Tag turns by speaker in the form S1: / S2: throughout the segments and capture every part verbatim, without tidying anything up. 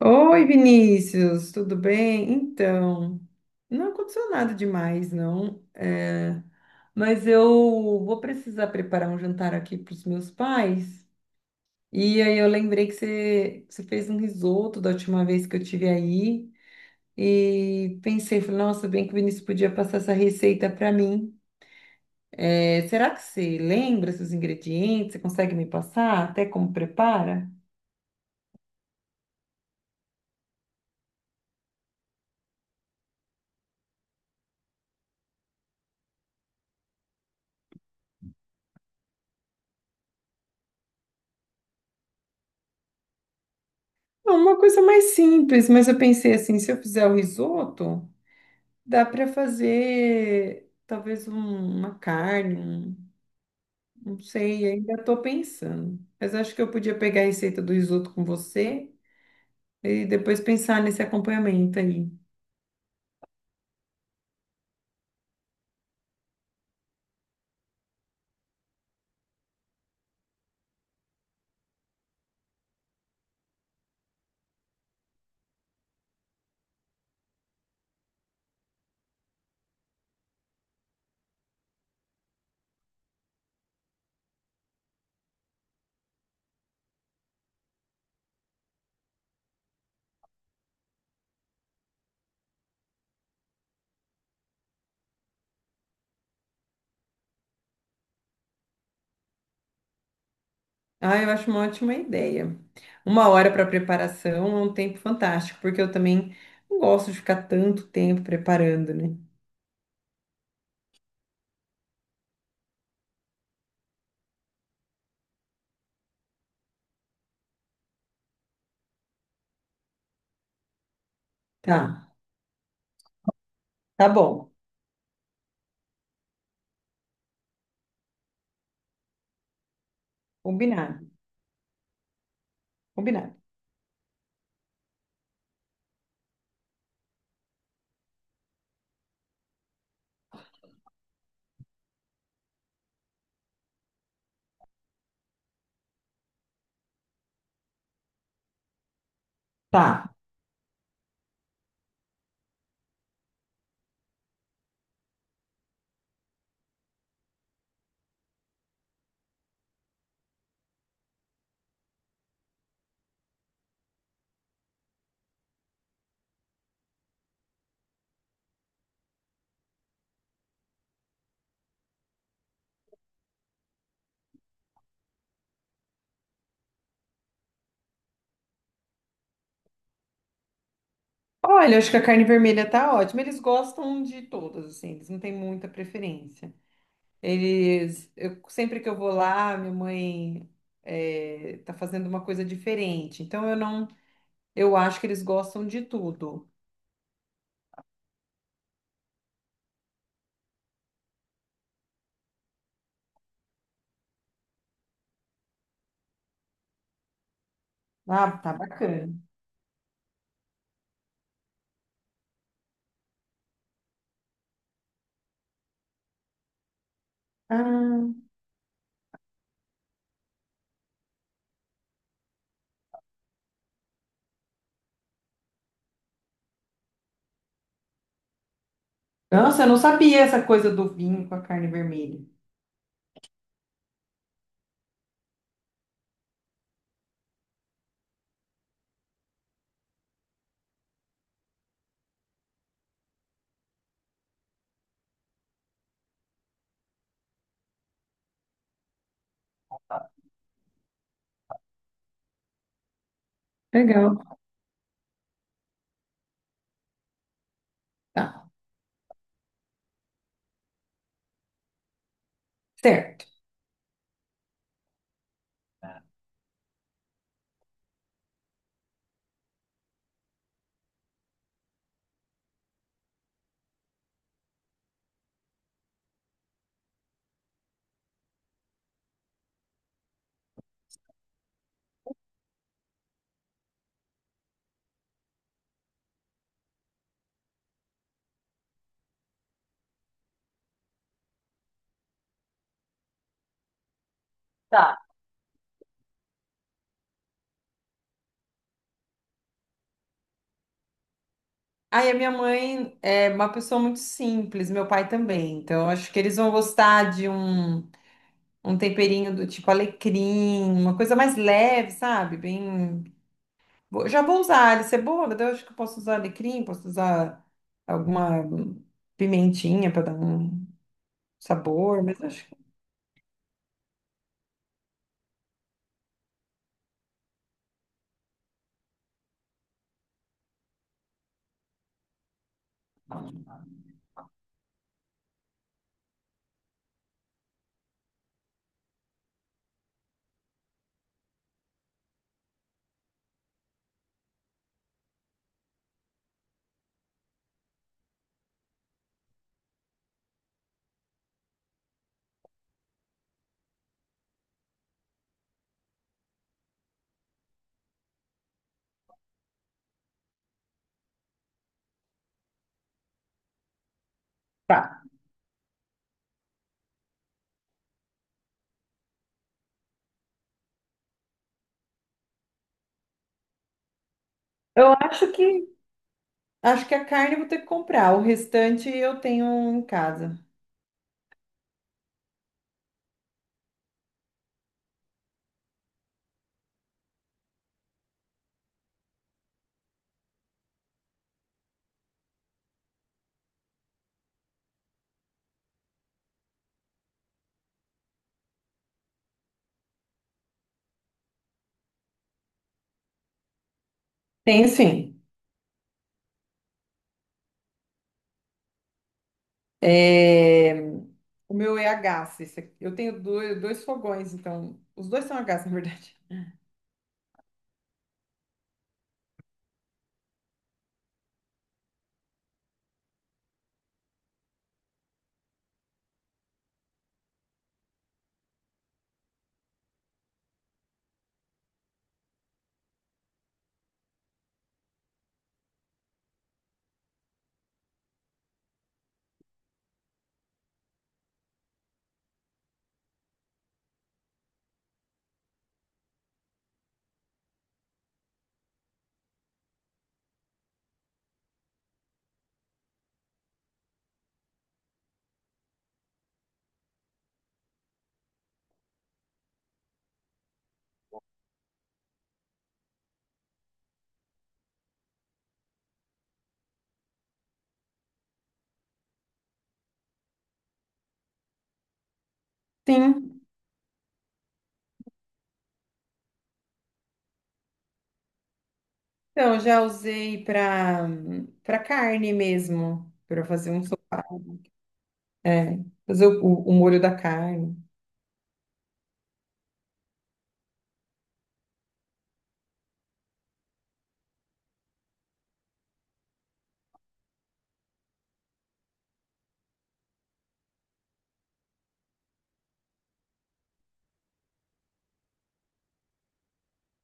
S1: Oi, Vinícius, tudo bem? Então, não aconteceu nada demais, não. É, mas eu vou precisar preparar um jantar aqui para os meus pais. E aí eu lembrei que você, você fez um risoto da última vez que eu tive aí. E pensei, falei, nossa, bem que o Vinícius podia passar essa receita para mim. É, será que você lembra seus ingredientes? Você consegue me passar até como prepara? Não, uma coisa mais simples, mas eu pensei assim, se eu fizer o risoto. Dá para fazer talvez um- uma carne, um- não sei, ainda estou pensando. Mas acho que eu podia pegar a receita do risoto com você e depois pensar nesse acompanhamento aí. Ah, eu acho uma ótima ideia. Uma hora para preparação é um tempo fantástico, porque eu também não gosto de ficar tanto tempo preparando, né? Tá, tá bom. Combinado, combinado. Tá. Olha, acho que a carne vermelha tá ótima. Eles gostam de todas, assim, eles não têm muita preferência. Eles, eu, sempre que eu vou lá, minha mãe eh, tá fazendo uma coisa diferente. Então eu não, eu acho que eles gostam de tudo. Ah, tá bacana. Ah, nossa, eu não sabia essa coisa do vinho com a carne vermelha. Legal. Tá, certo. Tá. Aí a minha mãe é uma pessoa muito simples, meu pai também. Então eu acho que eles vão gostar de um, um temperinho do tipo alecrim, uma coisa mais leve, sabe? Bem Vou- já vou usar alho cebola, daí eu acho que eu posso usar alecrim, posso usar alguma pimentinha para dar um sabor, mas acho que tá. eu acho que Acho que a carne eu vou ter que comprar, o restante eu tenho em casa. Tem sim. É, o meu é a gás. Esse aqui. Eu tenho dois, dois fogões, então os dois são a gás, na verdade. Sim. Então eu já usei para para carne mesmo, para fazer um sopá, é, fazer o, o molho da carne.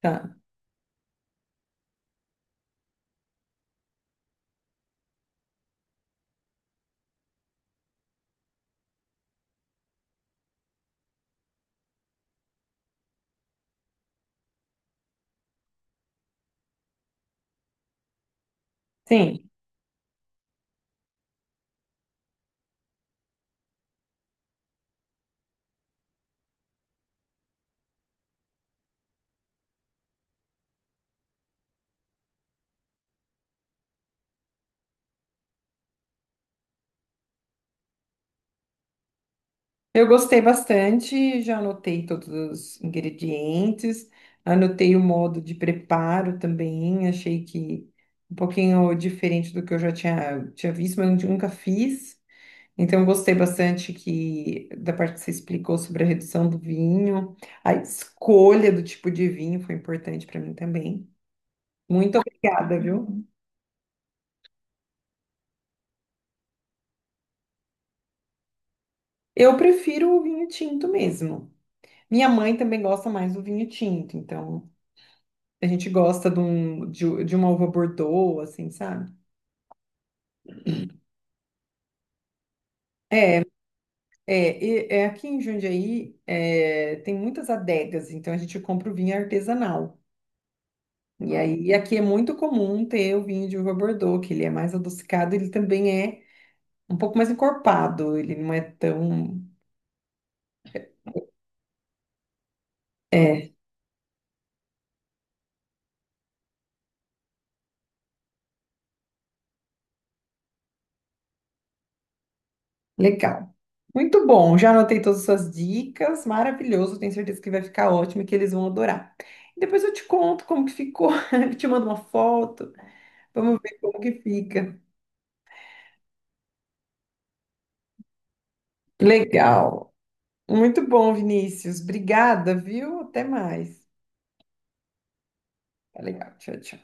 S1: Tá. Sim, eu gostei bastante, já anotei todos os ingredientes, anotei o modo de preparo também, achei que um pouquinho diferente do que eu já tinha, tinha visto, mas eu nunca fiz. Então, eu gostei bastante que da parte que você explicou sobre a redução do vinho, a escolha do tipo de vinho foi importante para mim também. Muito obrigada, viu? Eu prefiro o vinho tinto mesmo. Minha mãe também gosta mais do vinho tinto, então. A gente gosta de, um, de, de uma uva Bordeaux, assim, sabe? É, e- é aqui em Jundiaí é, tem muitas adegas, então a gente compra o vinho artesanal. E aí aqui é muito comum ter o vinho de uva Bordeaux, que ele é mais adocicado, ele também é um pouco mais encorpado, ele não é tão é, legal. Muito bom, já anotei todas as suas dicas, maravilhoso, tenho certeza que vai ficar ótimo e que eles vão adorar. E depois eu te conto como que ficou, te mando uma foto, vamos ver como que fica. Legal. Muito bom, Vinícius. Obrigada, viu? Até mais. Tá legal. Tchau, tchau.